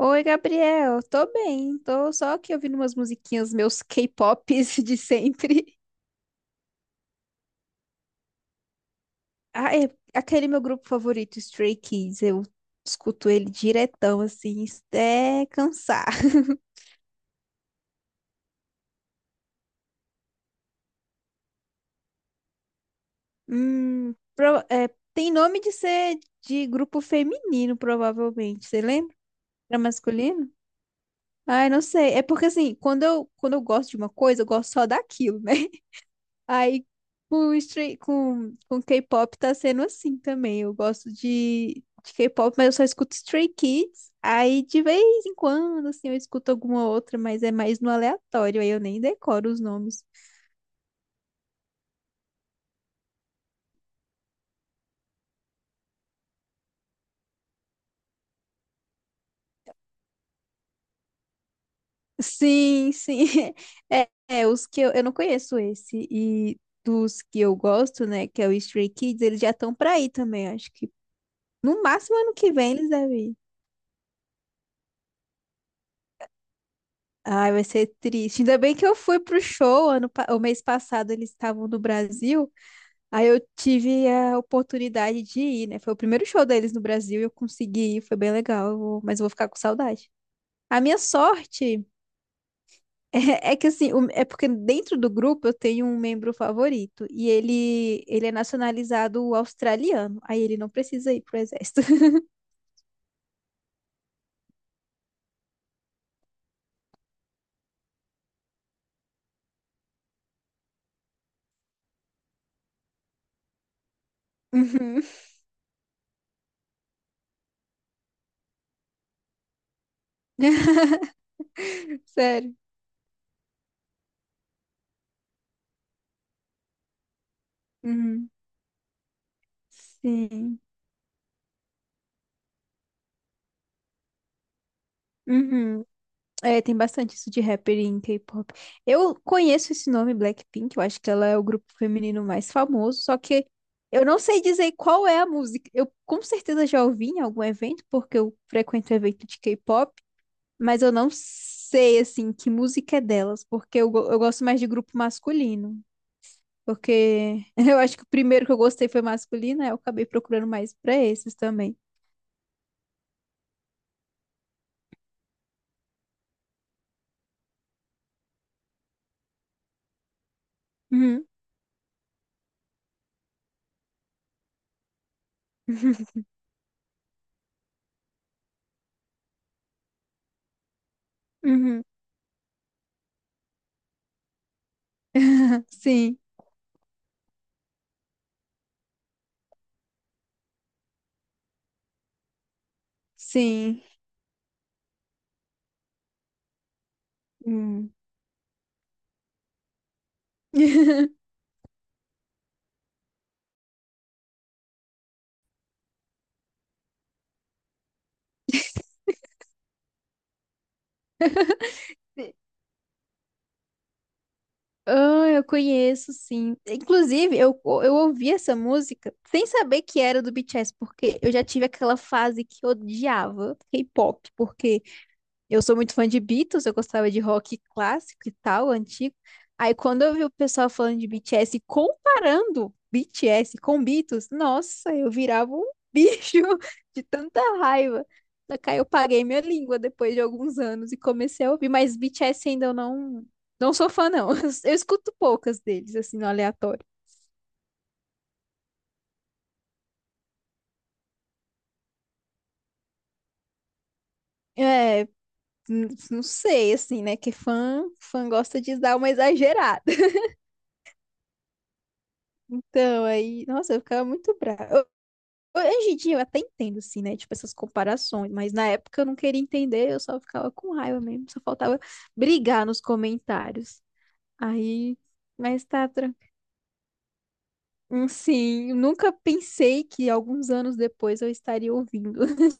Oi, Gabriel. Tô bem. Tô só aqui ouvindo umas musiquinhas, meus K-pops de sempre. Ah, é aquele meu grupo favorito, Stray Kids. Eu escuto ele diretão, assim, até cansar. Hum, pro- é, tem nome de ser de grupo feminino, provavelmente. Você lembra? Era masculino? Ai, não sei. É porque, assim, quando eu gosto de uma coisa, eu gosto só daquilo, né? Aí com K-pop tá sendo assim também. Eu gosto de K-pop, mas eu só escuto Stray Kids. Aí de vez em quando, assim, eu escuto alguma outra, mas é mais no aleatório. Aí eu nem decoro os nomes. Sim, sim. Os que eu não conheço esse. E dos que eu gosto, né, que é o Stray Kids, eles já estão pra aí também. Acho que no máximo ano que vem eles devem ir. Ai, vai ser triste. Ainda bem que eu fui pro show o mês passado, eles estavam no Brasil. Aí eu tive a oportunidade de ir, né? Foi o primeiro show deles no Brasil e eu consegui ir, foi bem legal, mas eu vou ficar com saudade. A minha sorte é que assim, é porque dentro do grupo eu tenho um membro favorito e ele é nacionalizado australiano. Aí ele não precisa ir pro exército. Uhum. Sério. Uhum. Sim. Uhum. É, tem bastante isso de rapper em K-pop. Eu conheço esse nome, Blackpink, eu acho que ela é o grupo feminino mais famoso, só que eu não sei dizer qual é a música. Eu com certeza já ouvi em algum evento, porque eu frequento evento de K-pop, mas eu não sei, assim, que música é delas, porque eu gosto mais de grupo masculino. Porque eu acho que o primeiro que eu gostei foi masculino, aí eu acabei procurando mais pra esses também. Uhum. Uhum. Sim, sim. Hum. Ah, eu conheço, sim. Inclusive, eu ouvi essa música sem saber que era do BTS, porque eu já tive aquela fase que eu odiava K-pop, porque eu sou muito fã de Beatles, eu gostava de rock clássico e tal, antigo. Aí quando eu vi o pessoal falando de BTS, e comparando BTS com Beatles, nossa, eu virava um bicho de tanta raiva. Daí eu paguei minha língua depois de alguns anos e comecei a ouvir, mas BTS ainda eu não, não sou fã, não. Eu escuto poucas deles, assim, no aleatório. É, não sei, assim, né? Que fã, fã gosta de dar uma exagerada. Então, aí, nossa, eu ficava muito brava. Hoje em dia eu até entendo, assim, né? Tipo, essas comparações, mas na época eu não queria entender, eu só ficava com raiva mesmo, só faltava brigar nos comentários. Aí, mas tá, sim, eu nunca pensei que alguns anos depois eu estaria ouvindo.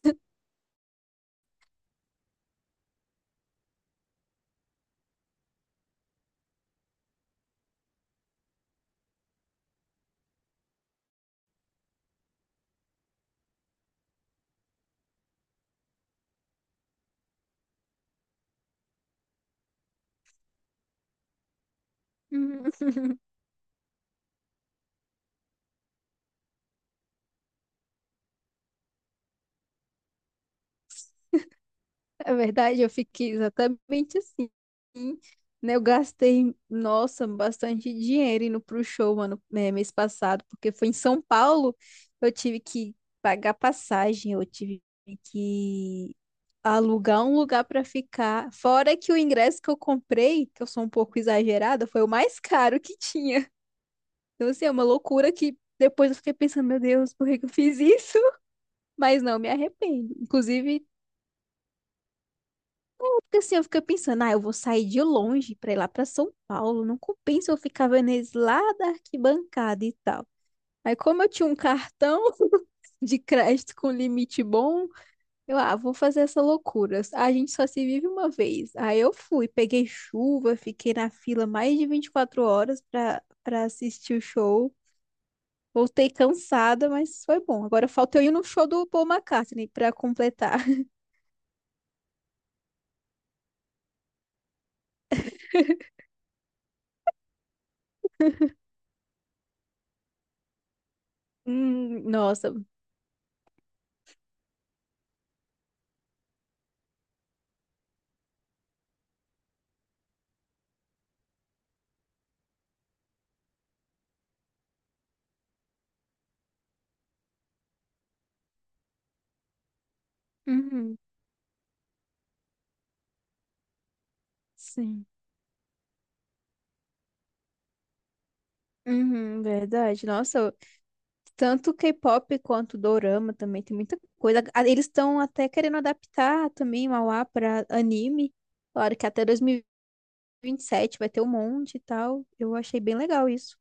Uhum. Na verdade, eu fiquei exatamente assim, né? Eu gastei, nossa, bastante dinheiro indo pro show, mano, é, mês passado, porque foi em São Paulo, eu tive que pagar passagem, eu tive que alugar um lugar para ficar. Fora que o ingresso que eu comprei, que eu sou um pouco exagerada, foi o mais caro que tinha. Então, assim, é uma loucura que depois eu fiquei pensando, meu Deus, por que que eu fiz isso? Mas não me arrependo. Inclusive, porque assim, eu fiquei pensando, ah, eu vou sair de longe para ir lá para São Paulo, não compensa eu ficar vendo eles lá da arquibancada e tal. Aí, como eu tinha um cartão de crédito com limite bom, eu, ah, vou fazer essa loucura. A gente só se vive uma vez. Aí eu fui, peguei chuva, fiquei na fila mais de 24 horas pra assistir o show. Voltei cansada, mas foi bom. Agora falta eu ir no show do Paul McCartney pra completar. Nossa. Uhum, sim. Uhum, verdade. Nossa, tanto K-pop quanto dorama também tem muita coisa. Ah, eles estão até querendo adaptar também Mauá para anime. Claro que até 2027 vai ter um monte e tal. Eu achei bem legal isso.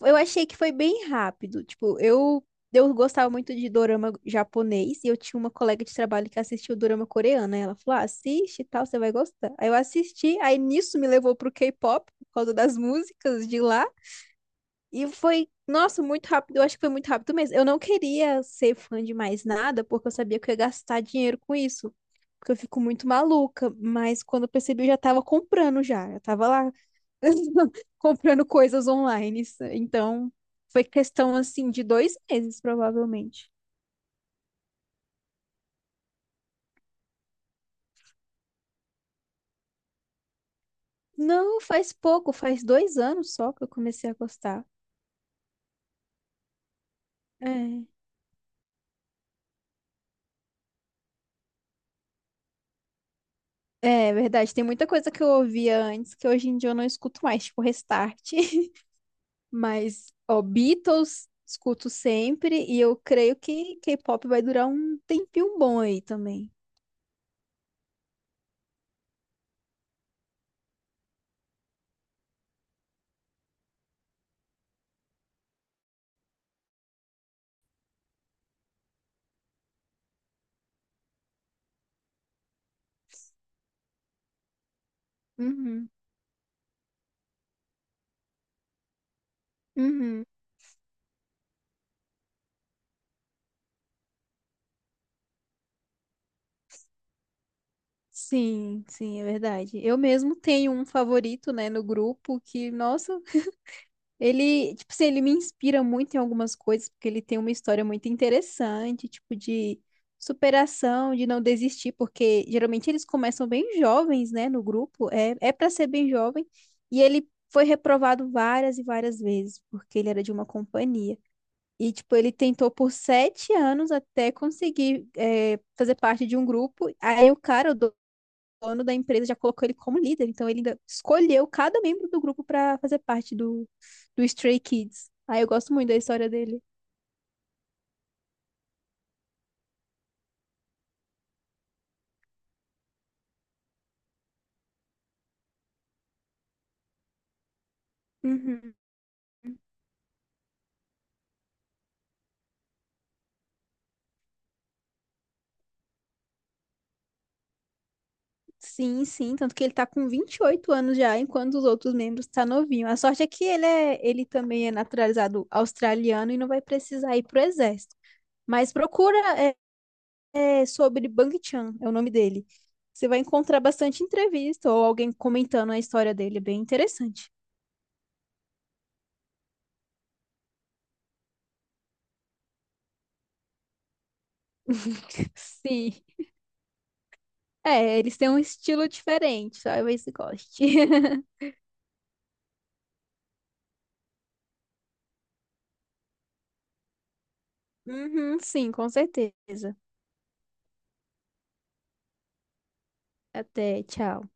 Eu achei que foi bem rápido. Tipo, eu gostava muito de dorama japonês e eu tinha uma colega de trabalho que assistia o dorama coreano. Aí ela falou: ah, assiste e tal, você vai gostar. Aí eu assisti, aí nisso me levou pro K-pop, por causa das músicas de lá. E foi, nossa, muito rápido. Eu acho que foi muito rápido mesmo. Eu não queria ser fã de mais nada, porque eu sabia que eu ia gastar dinheiro com isso. Porque eu fico muito maluca. Mas quando eu percebi, eu já tava comprando já. Eu tava lá comprando coisas online. Então, foi questão assim de 2 meses, provavelmente. Não, faz pouco, faz 2 anos só que eu comecei a gostar. É. É verdade, tem muita coisa que eu ouvia antes que hoje em dia eu não escuto mais, tipo Restart. Mas, ó, Beatles escuto sempre e eu creio que K-pop vai durar um tempinho bom aí também. Uhum, uhum. Sim, sim, é verdade. Eu mesmo tenho um favorito, né, no grupo que, nossa, ele, tipo assim, ele me inspira muito em algumas coisas, porque ele tem uma história muito interessante, tipo, de superação, de não desistir, porque geralmente eles começam bem jovens, né, no grupo, é para ser bem jovem, e ele foi reprovado várias e várias vezes, porque ele era de uma companhia. E, tipo, ele tentou por 7 anos até conseguir, é, fazer parte de um grupo, aí o cara, o dono da empresa já colocou ele como líder, então ele ainda escolheu cada membro do grupo pra fazer parte do, Stray Kids. Ah, eu gosto muito da história dele. Uhum. Sim, sim, tanto que ele tá com 28 anos já, enquanto os outros membros tá novinho. A sorte é que ele também é naturalizado australiano e não vai precisar ir pro exército. Mas procura é, sobre Bang Chan, é o nome dele. Você vai encontrar bastante entrevista ou alguém comentando a história dele, é bem interessante. Sim. É, eles têm um estilo diferente, talvez você goste. Uhum, sim, com certeza. Até, tchau.